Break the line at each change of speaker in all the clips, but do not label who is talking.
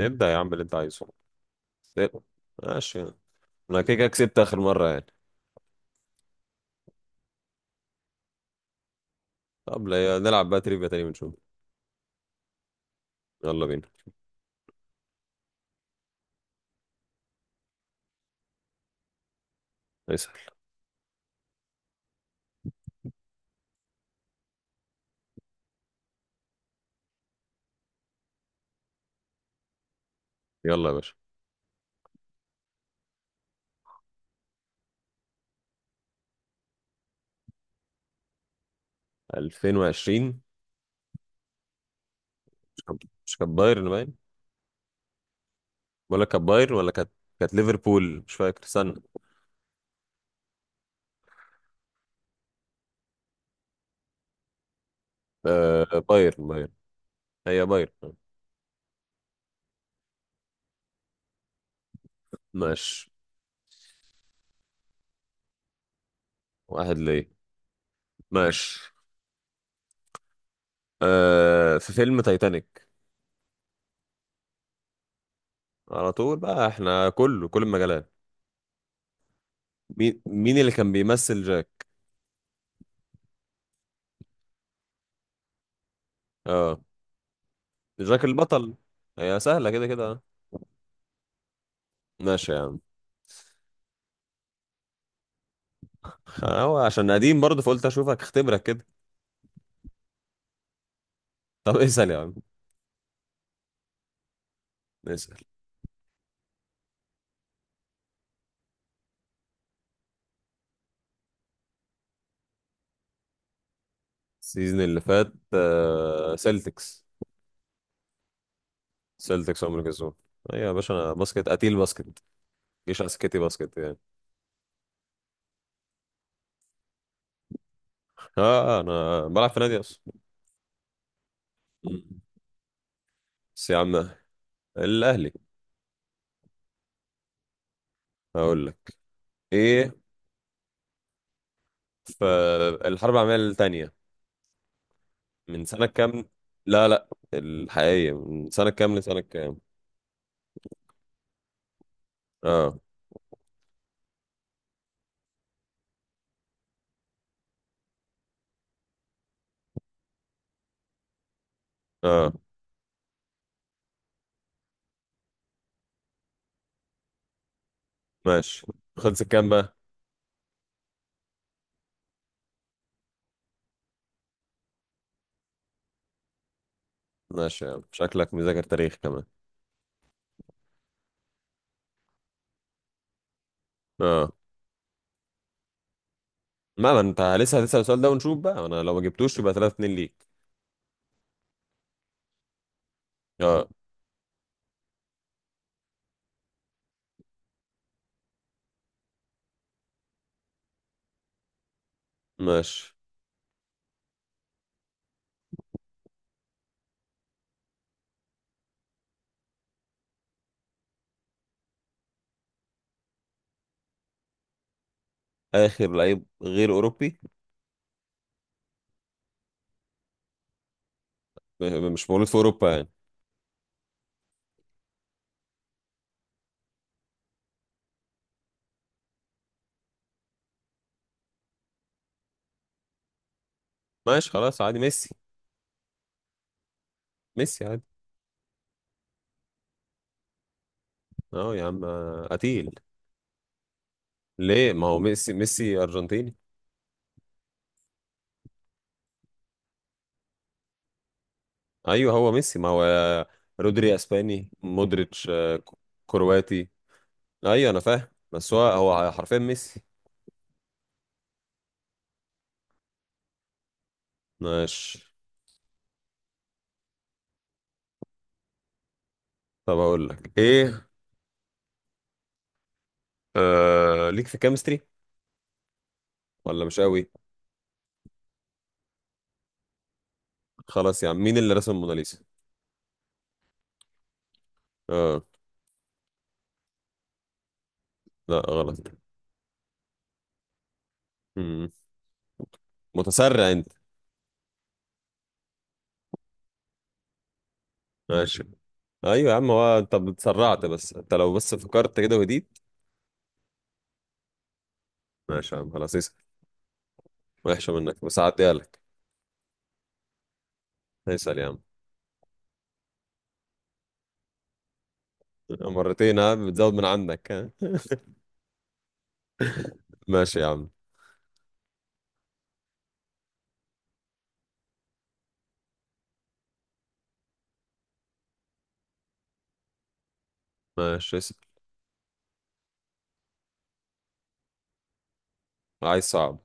ابدأ يا عم اللي انت عايزه. ابدأ. ماشي. انا كده كده كسبت اخر مرة يعني. طب نلعب بقى تريفيا تاني ونشوف. يلا بينا. اسأل. يلا يا باشا. 2020. مش كانت بايرن باين، ولا كانت بايرن، ولا كانت. كانت ليفربول، مش فاكر، استنى. آه، بايرن بايرن. هي بايرن. ماشي. واحد ليه. ماشي. آه، في فيلم تايتانيك. على طول بقى، احنا كله كل المجالات. مين اللي كان بيمثل جاك؟ اه، جاك البطل. هي سهلة كده كده. ماشي يا عم. هو عشان قديم برضه فقلت اشوفك اختبرك كده. طب اسأل يا عم. اسأل. السيزون اللي فات سيلتكس. سيلتكس عمر كسبان. ايوه يا باشا، انا باسكت، قتيل باسكت. مش عسكتي باسكت يعني. اه انا بلعب في نادي اصلا. مم. بس يا عم، الاهلي. هقول لك ايه. فالحرب العالميه الثانيه من سنه كام؟ لا لا، الحقيقيه، من سنه كام لسنه كام؟ اه اه. ماشي. خلصت كام بقى؟ ماشي يا عم، شكلك مذاكر تاريخ كمان. اه. ما انت لسه هتسأل السؤال ده ونشوف بقى، انا لو ما جبتوش يبقى 3 2 ليك. اه. ماشي. اخر لعيب غير اوروبي. مش مولود في اوروبا يعني؟ ماشي، خلاص عادي، ميسي. ميسي عادي. اه يا عم، قتيل. ليه؟ ما هو ميسي، ميسي ارجنتيني. ايوه هو ميسي، ما هو رودري اسباني، مودريتش كرواتي. ايوه انا فاهم، بس هو حرفيا ميسي. ماشي. طب اقول لك ايه. آه ليك في كيمستري ولا مش قوي؟ خلاص يا عم، مين اللي رسم الموناليزا؟ اه. لا غلط. مم. متسرع انت. ماشي. ايوه يا عم، هو انت اتسرعت، بس انت لو بس فكرت كده وهديت. ماشي يا عم خلاص، اسال. وحشه منك، بس هعديها لك. اسال يا عم. مرتين؟ ها، بتزود من عندك؟ ها. ماشي يا عم. ماشي، اسال. عايز صعب.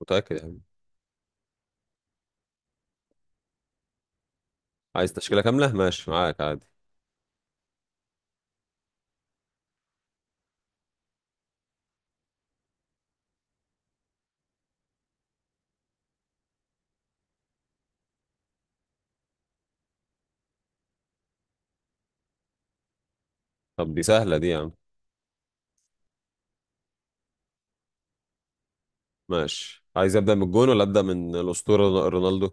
متاكد يا عم. عايز تشكيله كامله، ماشي معاك عادي. طب دي سهله دي يا عم. ماشي، عايز ابدا من الجون ولا ابدا من الاسطوره رونالدو؟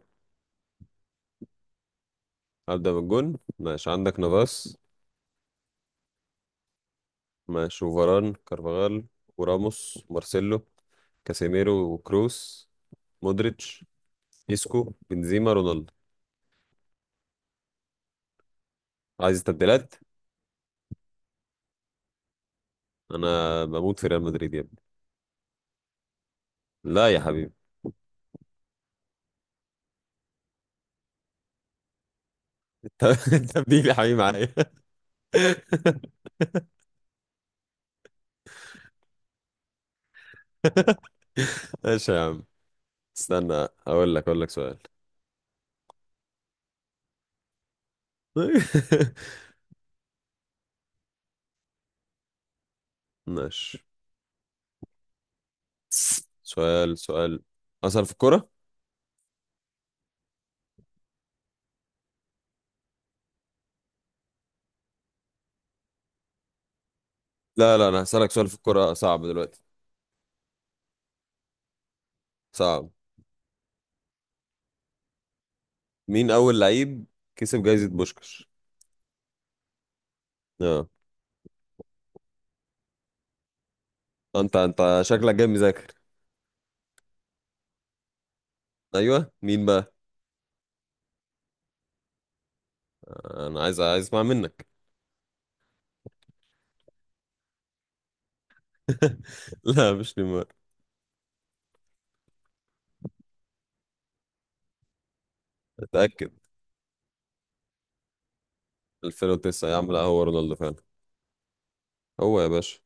ابدا من الجون. ماشي، عندك نافاس. ماشي، وفاران كارفاغال وراموس مارسيلو، كاسيميرو وكروس، مودريتش، إيسكو بنزيما رونالدو. عايز تبديلات؟ انا بموت في ريال مدريد يا ابني. لا يا حبيبي. الت- التبديل يا حبيبي معايا. ماشي يا عم. استنى. اقول لك سؤال. ماشي. سؤال. اسأل في الكوره. لا لا، انا هسألك سؤال في الكوره صعب دلوقتي. صعب. مين اول لعيب كسب جائزة بوشكش؟ اه. انت شكلك جاي مذاكر. ايوه مين بقى؟ انا عايز اسمع منك. لا مش نيمار. اتاكد. 2009 يا عم، لا هو رونالدو فعلا. هو يا باشا.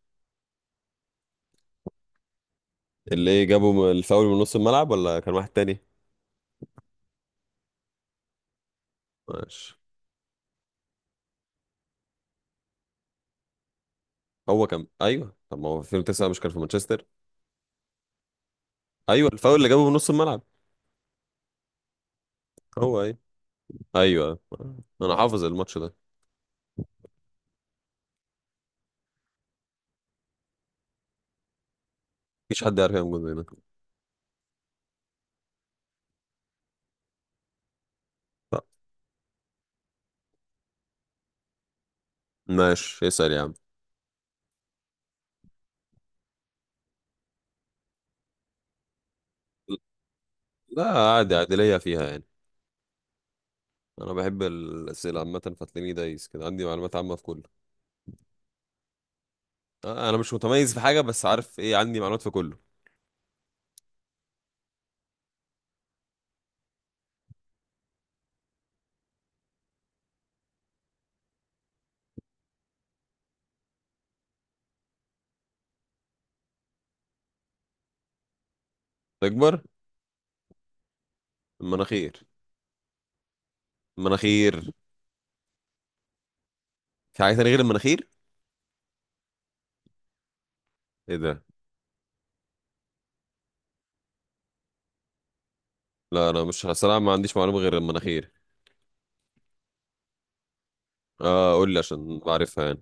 اللي إيه جابه من الفاول من نص الملعب، ولا كان واحد تاني؟ ماشي. هو كان، ايوه، طب ما هو في 2009 مش كان في مانشستر. ايوه الفاول اللي جابه من نص الملعب. هو ايوه. ايوه. انا حافظ الماتش ده. مفيش حد يعرف يعمل جول زي ده. طب، ماشي اسال يا عم. لا عادي، عادي ليا فيها يعني. انا بحب الاسئله عامه، فتلاقيني دايس كده، عندي معلومات عامه في كله. انا مش متميز في حاجه، بس عارف ايه، عندي معلومات في كله. تكبر. المناخير. المناخير. في حاجه تانية غير المناخير؟ ايه ده؟ لا، انا مش، الصراحه ما عنديش معلومه غير المناخير. اه قول لي عشان بعرفها يعني.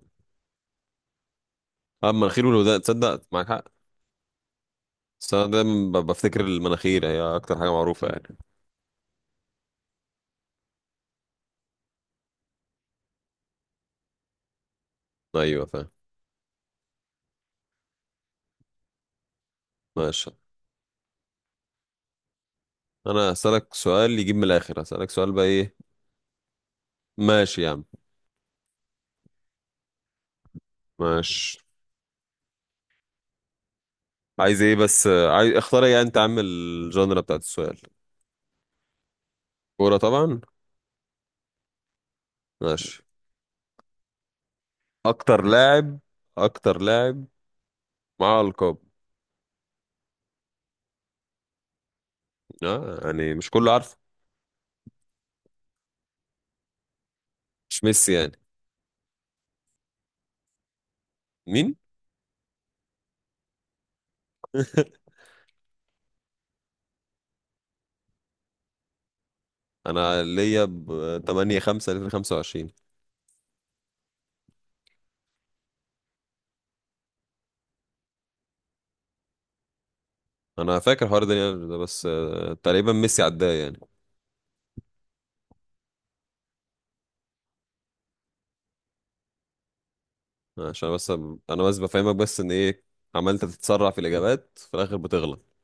اه، المناخير والودان، تصدق معاك حق. بس انا دايما بفتكر المناخير هي اكتر حاجه معروفه يعني. ايوه فاهم. ماشي. انا هسالك سؤال يجيب من الاخر، هسالك سؤال بقى، ايه؟ ماشي يا عم. ماشي. عايز ايه بس عايز اختار ايه، انت عامل الجانرا بتاعت السؤال. كوره طبعا. ماشي. اكتر لاعب. اكتر لاعب معاه القاب. آه يعني مش كله عارفه. مش ميسي يعني. مين؟ انا ليا ب 8/5/2025. انا فاكر حوار ده بس تقريبا ميسي عداه يعني. عشان بس انا بس بفهمك بس ان ايه. عمال تتسرع في الاجابات، في الاخر بتغلط.